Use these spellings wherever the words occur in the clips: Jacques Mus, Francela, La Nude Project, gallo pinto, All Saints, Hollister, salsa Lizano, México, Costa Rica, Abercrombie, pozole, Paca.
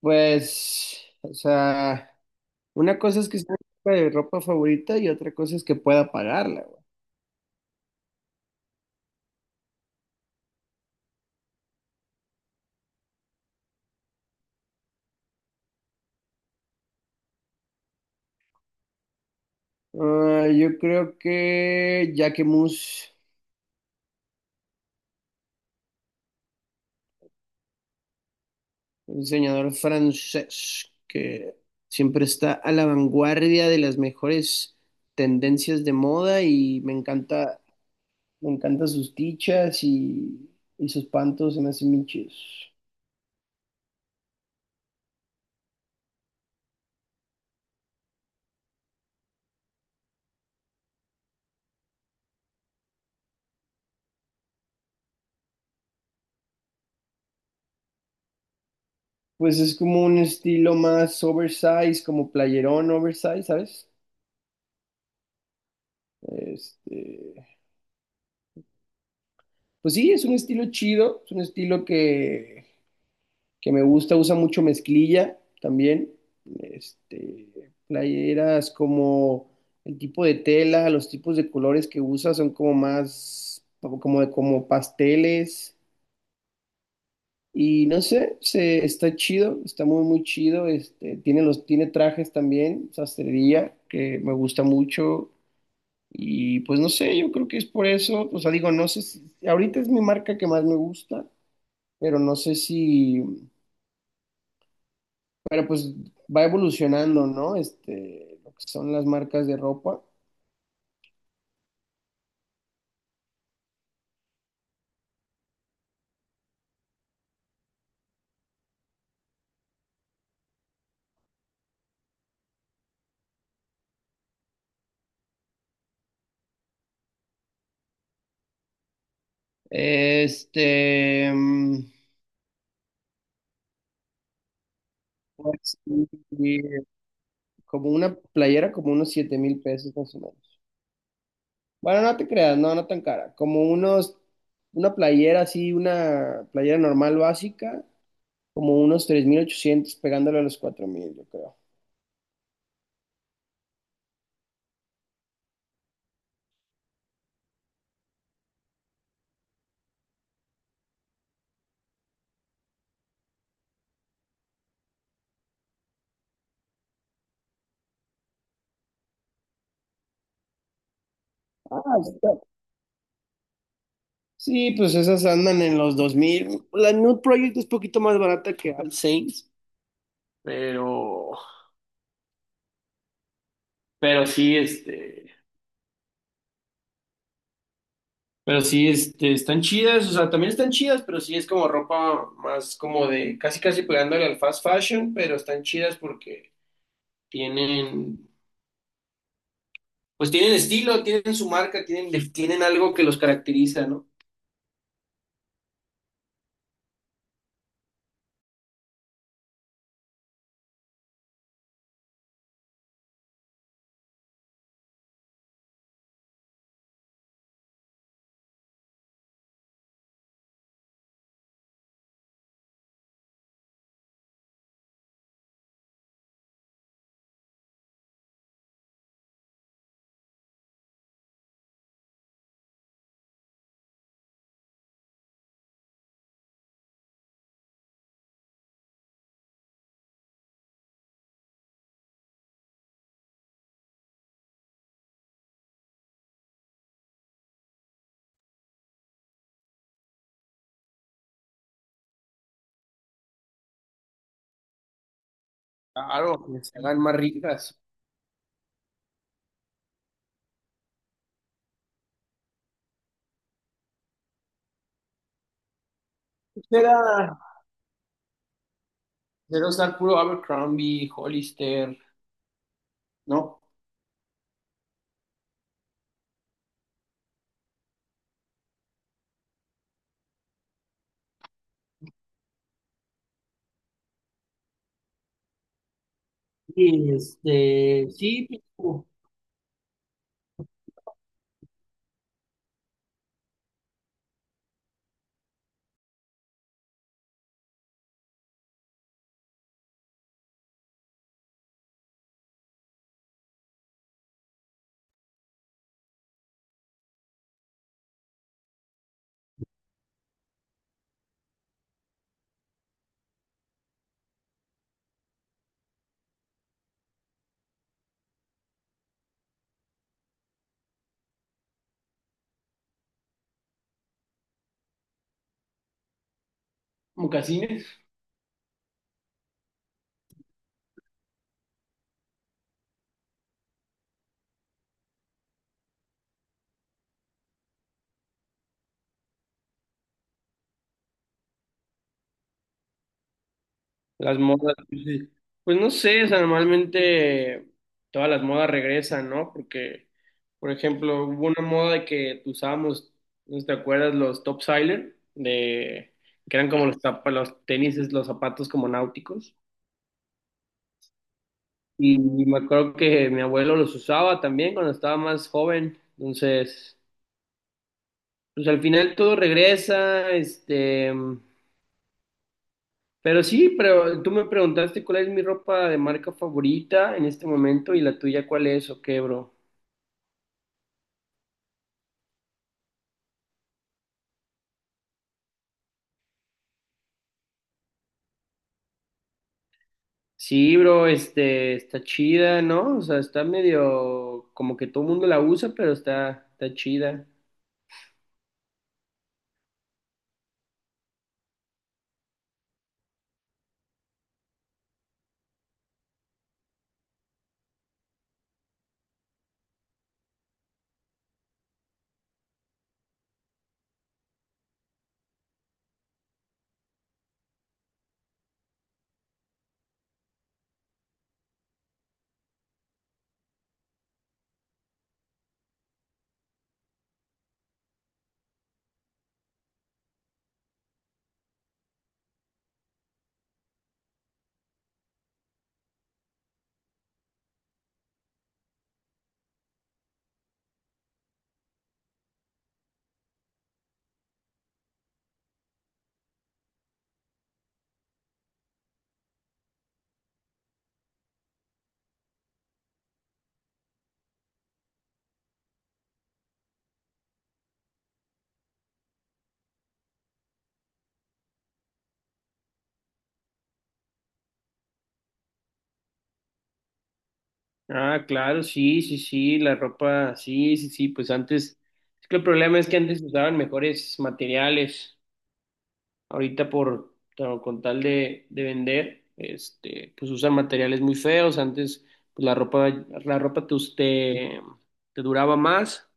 Pues, o sea, una cosa es que esté en mi ropa favorita y otra cosa es que pueda pagarla, güey. Ah, yo creo que Jacques Mus, un diseñador francés que siempre está a la vanguardia de las mejores tendencias de moda y me encanta, me encantan sus tichas y sus pantos, se me hacen bien chidos. Pues es como un estilo más oversize, como playerón oversize, ¿sabes? Este, pues sí, es un estilo chido, es un estilo que me gusta, usa mucho mezclilla también, este, playeras como el tipo de tela, los tipos de colores que usa son como más, como, como pasteles. Y no sé, se, está chido, está muy, muy chido. Este, tiene los, tiene trajes también, sastrería, que me gusta mucho. Y pues no sé, yo creo que es por eso. O sea, digo, no sé si ahorita es mi marca que más me gusta, pero no sé si, pero pues va evolucionando, ¿no? Este, lo que son las marcas de ropa. Este, mm, pues, y- Como una playera, como unos $7,000 más o menos. Bueno, no te creas, no, no tan cara. Como unos, una playera así, una playera normal básica, como unos 3,800 pegándole a los 4,000 yo creo. Ah, está. Sí, pues esas andan en los 2,000. La Nude Project es poquito más barata que All Saints, pero, pero sí, este, pero sí, este, están chidas, o sea, también están chidas, pero sí es como ropa más como de casi casi pegándole al fast fashion, pero están chidas porque tienen, pues tienen estilo, tienen su marca, tienen, tienen algo que los caracteriza, ¿no? Claro, que se hagan más ricas. Era, era usar puro Abercrombie, Hollister, ¿no? Y sí, pues, como... Mocasines. Las modas, pues sí. Pues no sé, o sea, normalmente todas las modas regresan, ¿no? Porque, por ejemplo, hubo una moda que usábamos, no sé si te acuerdas, los topsider, de, que eran como los, tapa- los tenis, los zapatos como náuticos. Y me acuerdo que mi abuelo los usaba también cuando estaba más joven. Entonces, pues al final todo regresa, este, pero sí, pero tú me preguntaste cuál es mi ropa de marca favorita en este momento y la tuya cuál es o qué, bro. Sí, bro, este, está chida, ¿no? O sea, está medio como que todo el mundo la usa, pero está, está chida. Ah, claro, sí, sí, sí, la ropa, sí, sí, sí, pues antes, es que el problema es que antes usaban mejores materiales. Ahorita por, claro, con tal de vender, este, pues usan materiales muy feos. Antes, pues la ropa te duraba más.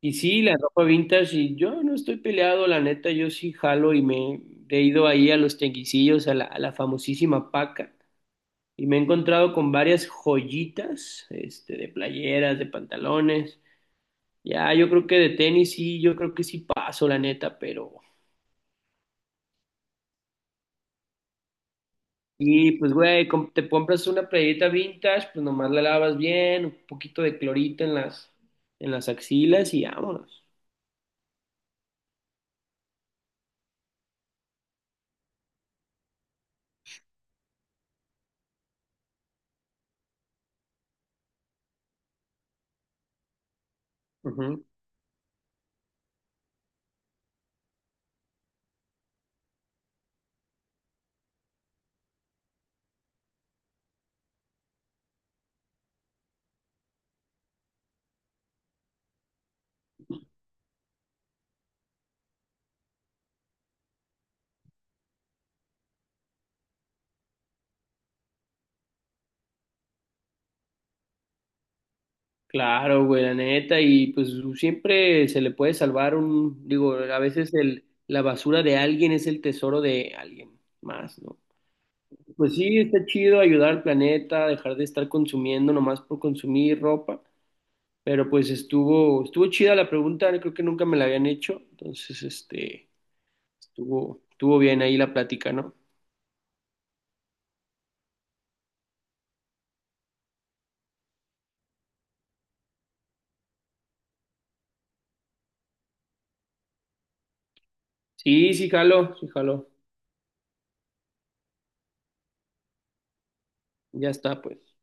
Y sí, la ropa vintage, y yo no estoy peleado, la neta, yo sí jalo y me he ido ahí a los tianguisillos, a la famosísima Paca, y me he encontrado con varias joyitas, este, de playeras, de pantalones. Ya, yo creo que de tenis sí, yo creo que sí paso, la neta, pero y pues, güey, com- te compras una playerita vintage, pues nomás la lavas bien, un poquito de clorito en las axilas y vámonos. Ujú. Claro, güey, la neta, y pues siempre se le puede salvar un, digo, a veces el, la basura de alguien es el tesoro de alguien más, ¿no? Pues sí, está chido ayudar al planeta, dejar de estar consumiendo nomás por consumir ropa, pero pues estuvo, estuvo chida la pregunta, creo que nunca me la habían hecho, entonces, este... Estuvo, estuvo bien ahí la plática, ¿no? Sí, sí, jalo, sí, jalo. Ya está, pues.